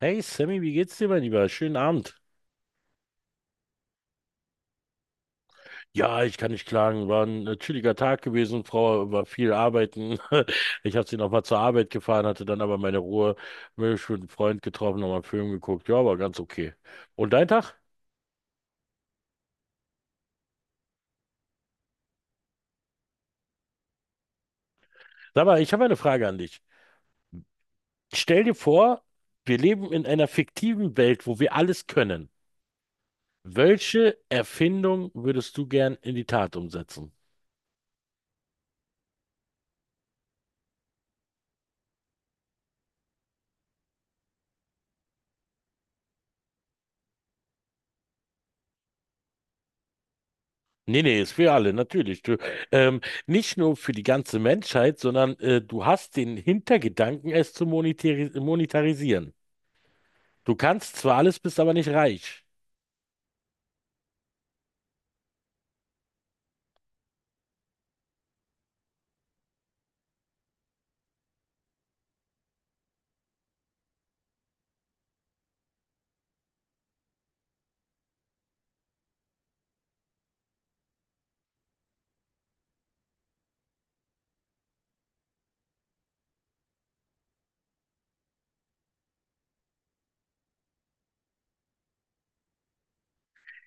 Hey Sammy, wie geht's dir, mein Lieber? Schönen Abend. Ja, ich kann nicht klagen. War ein chilliger Tag gewesen. Frau war viel arbeiten. Ich habe sie noch mal zur Arbeit gefahren, hatte dann aber meine Ruhe. Mich mit einem Freund getroffen, nochmal einen Film geguckt. Ja, war ganz okay. Und dein Tag? Sag mal, ich habe eine Frage an dich. Stell dir vor, wir leben in einer fiktiven Welt, wo wir alles können. Welche Erfindung würdest du gern in die Tat umsetzen? Nee, nee, ist für alle, natürlich. Du, ähm, nicht nur für die ganze Menschheit, sondern du hast den Hintergedanken, es zu monetarisieren. Du kannst zwar alles, bist aber nicht reich.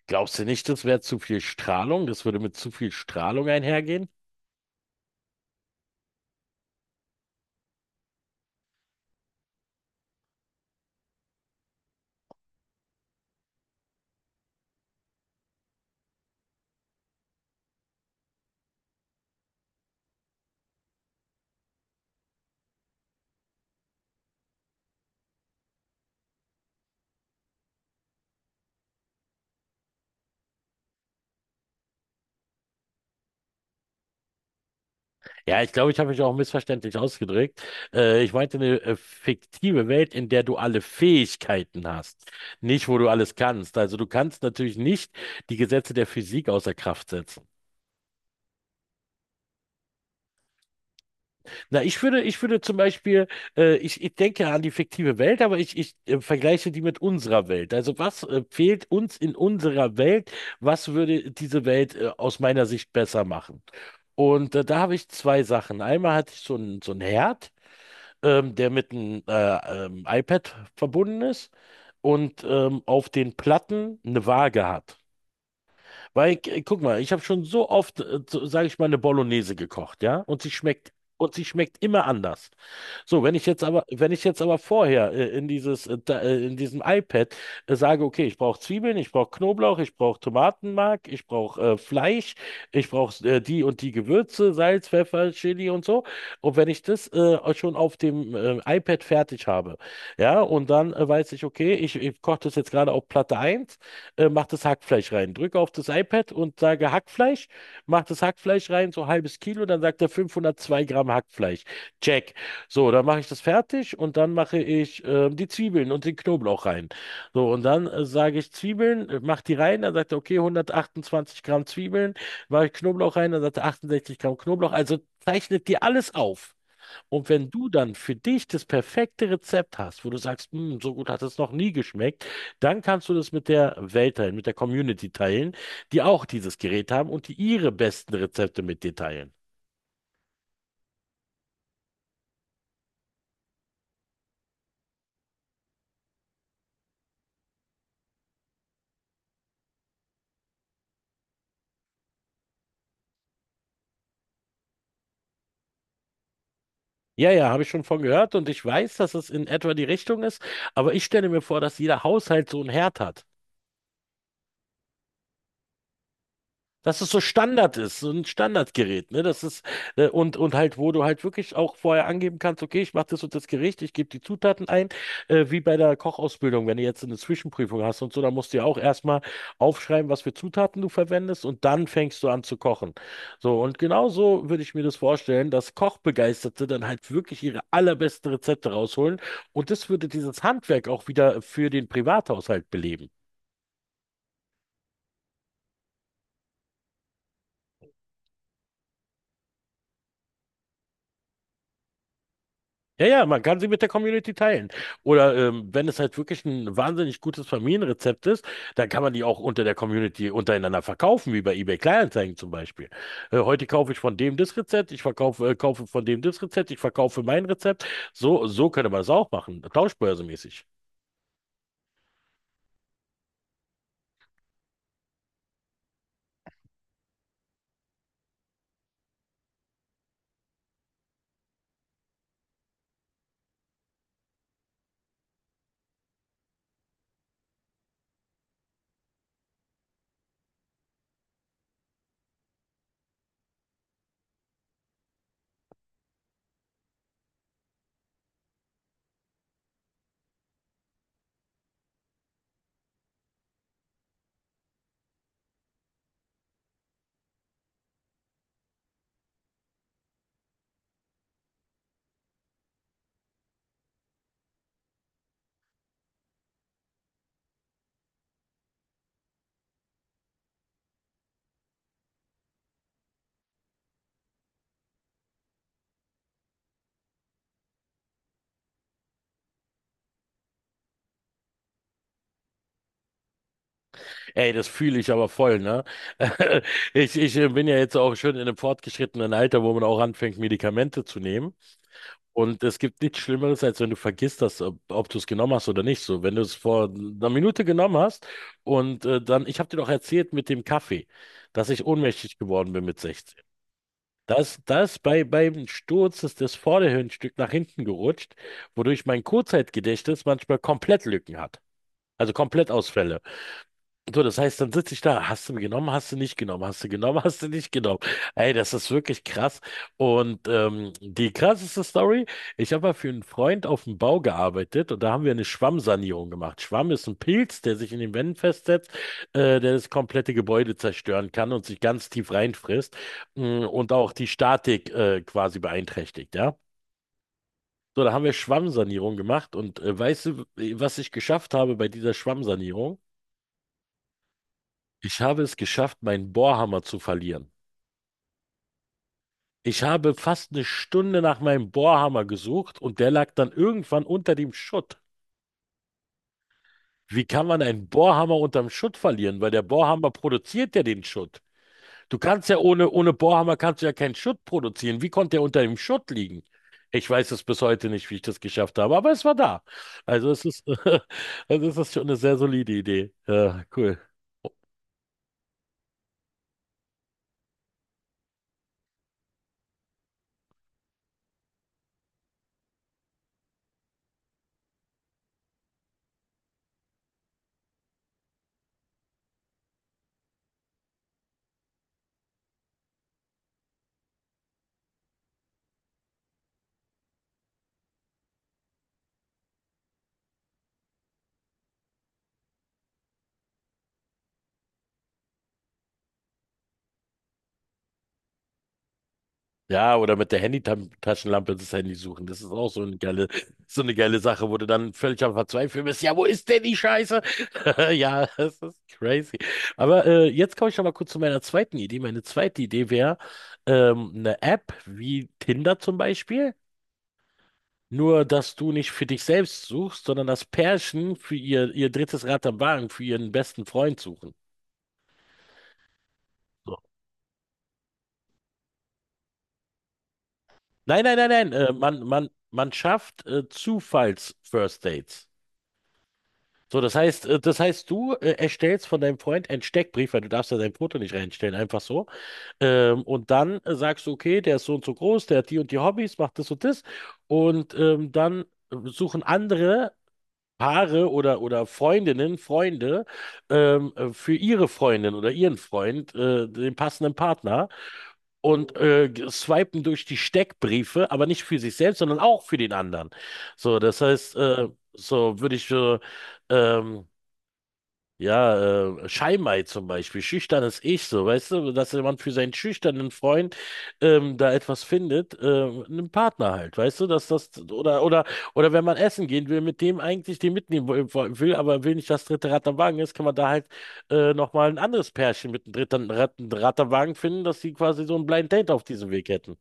Glaubst du nicht, das wäre zu viel Strahlung? Das würde mit zu viel Strahlung einhergehen? Ja, ich glaube, ich habe mich auch missverständlich ausgedrückt. Ich meinte eine fiktive Welt, in der du alle Fähigkeiten hast, nicht wo du alles kannst. Also du kannst natürlich nicht die Gesetze der Physik außer Kraft setzen. Na, ich würde zum Beispiel, ich denke an die fiktive Welt, aber ich vergleiche die mit unserer Welt. Also was fehlt uns in unserer Welt? Was würde diese Welt aus meiner Sicht besser machen? Und da habe ich zwei Sachen. Einmal hatte ich so einen Herd, der mit einem iPad verbunden ist und auf den Platten eine Waage hat. Weil, guck mal, ich habe schon so oft, so, sage ich mal, eine Bolognese gekocht, ja? Und sie schmeckt immer anders. So, wenn ich jetzt aber vorher in in diesem iPad sage, okay, ich brauche Zwiebeln, ich brauche Knoblauch, ich brauche Tomatenmark, ich brauche Fleisch, ich brauche die und die Gewürze, Salz, Pfeffer, Chili und so. Und wenn ich das schon auf dem iPad fertig habe, ja, und dann weiß ich, okay, ich koche das jetzt gerade auf Platte eins mach das Hackfleisch rein. Drücke auf das iPad und sage Hackfleisch, mach das Hackfleisch rein, so halbes Kilo, dann sagt er 502 Gramm Hackfleisch. Check. So, dann mache ich das fertig und dann mache ich die Zwiebeln und den Knoblauch rein. So, und dann sage ich Zwiebeln, mach die rein, dann sagt er, okay, 128 Gramm Zwiebeln, mache ich Knoblauch rein, dann sagt er 68 Gramm Knoblauch. Also zeichnet dir alles auf. Und wenn du dann für dich das perfekte Rezept hast, wo du sagst, "Hm, so gut hat es noch nie geschmeckt, dann kannst du das mit der Welt teilen, mit der Community teilen, die auch dieses Gerät haben und die ihre besten Rezepte mit dir teilen. Ja, ja, habe ich schon von gehört und ich weiß, dass es in etwa die Richtung ist, aber ich stelle mir vor, dass jeder Haushalt so einen Herd hat. Dass es so Standard ist, so ein Standardgerät, ne? Das ist, und halt, wo du halt wirklich auch vorher angeben kannst, okay, ich mache das und das Gericht, ich gebe die Zutaten ein, wie bei der Kochausbildung, wenn du jetzt eine Zwischenprüfung hast und so, dann musst du ja auch erstmal aufschreiben, was für Zutaten du verwendest und dann fängst du an zu kochen. So, und genau so würde ich mir das vorstellen, dass Kochbegeisterte dann halt wirklich ihre allerbesten Rezepte rausholen und das würde dieses Handwerk auch wieder für den Privathaushalt beleben. Ja, ja, man kann sie mit der Community teilen. Oder wenn es halt wirklich ein wahnsinnig gutes Familienrezept ist, dann kann man die auch unter der Community untereinander verkaufen, wie bei eBay Kleinanzeigen zum Beispiel. Heute kaufe ich von dem das Rezept, kaufe von dem das Rezept, ich verkaufe mein Rezept. So, so könnte man es auch machen, tauschbörsemäßig. Ey, das fühle ich aber voll, ne? Ich bin ja jetzt auch schon in einem fortgeschrittenen Alter, wo man auch anfängt, Medikamente zu nehmen. Und es gibt nichts Schlimmeres, als wenn du vergisst, ob du es genommen hast oder nicht. So, wenn du es vor einer Minute genommen hast und ich habe dir doch erzählt mit dem Kaffee, dass ich ohnmächtig geworden bin mit 16. Beim Sturz ist das Vorderhirnstück nach hinten gerutscht, wodurch mein Kurzzeitgedächtnis manchmal komplett Lücken hat. Also komplett so, das heißt, dann sitze ich da. Hast du mir genommen, hast du nicht genommen, hast du genommen, hast du nicht genommen. Ey, das ist wirklich krass. Und die krasseste Story, ich habe mal für einen Freund auf dem Bau gearbeitet und da haben wir eine Schwammsanierung gemacht. Schwamm ist ein Pilz, der sich in den Wänden festsetzt, der das komplette Gebäude zerstören kann und sich ganz tief reinfrisst und auch die Statik quasi beeinträchtigt, ja. So, da haben wir Schwammsanierung gemacht und weißt du, was ich geschafft habe bei dieser Schwammsanierung? Ich habe es geschafft, meinen Bohrhammer zu verlieren. Ich habe fast eine Stunde nach meinem Bohrhammer gesucht und der lag dann irgendwann unter dem Schutt. Wie kann man einen Bohrhammer unterm Schutt verlieren? Weil der Bohrhammer produziert ja den Schutt. Du kannst ja ohne Bohrhammer kannst du ja keinen Schutt produzieren. Wie konnte er unter dem Schutt liegen? Ich weiß es bis heute nicht, wie ich das geschafft habe, aber es war da. Also es ist, also es ist schon eine sehr solide Idee. Ja, cool. Ja, oder mit der Handy-Taschenlampe das Handy suchen. Das ist auch so eine geile Sache, wo du dann völlig am Verzweifeln bist. Ja, wo ist denn die Scheiße? Ja, das ist crazy. Aber jetzt komme ich noch mal kurz zu meiner zweiten Idee. Meine zweite Idee wäre eine App wie Tinder zum Beispiel. Nur, dass du nicht für dich selbst suchst, sondern das Pärchen für ihr drittes Rad am Wagen, für ihren besten Freund suchen. So. Nein, nein, nein, nein. Man schafft Zufalls-First Dates. So, das heißt, du erstellst von deinem Freund einen Steckbrief, weil du darfst ja dein Foto nicht reinstellen, einfach so. Und dann sagst du, okay, der ist so und so groß, der hat die und die Hobbys, macht das und das. Und dann suchen andere Paare oder Freundinnen, Freunde für ihre Freundin oder ihren Freund den passenden Partner und swipen durch die Steckbriefe, aber nicht für sich selbst, sondern auch für den anderen. So, so würde ich ähm, ja, Scheimei zum Beispiel, schüchternes Ich, so, weißt du, dass jemand für seinen schüchternen Freund da etwas findet, einen Partner halt, weißt du, oder wenn man essen gehen will, mit dem eigentlich den mitnehmen will, aber will nicht das dritte Rad am Wagen ist, kann man da halt nochmal ein anderes Pärchen mit dem dritten Rad am Wagen finden, dass die quasi so ein Blind Date auf diesem Weg hätten.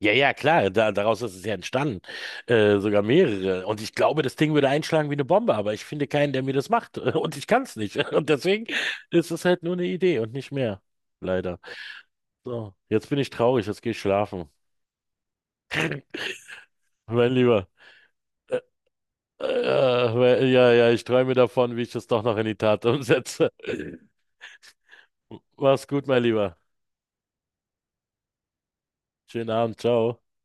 Ja, ja, klar, da, daraus ist es ja entstanden. Sogar mehrere. Und ich glaube, das Ding würde einschlagen wie eine Bombe, aber ich finde keinen, der mir das macht. Und ich kann es nicht. Und deswegen ist es halt nur eine Idee und nicht mehr. Leider. So, jetzt bin ich traurig, jetzt gehe ich schlafen. Mein Lieber. Äh, äh, ja, ja, ich träume davon, wie ich das doch noch in die Tat umsetze. Mach's gut, mein Lieber. Schönen Abend, ciao.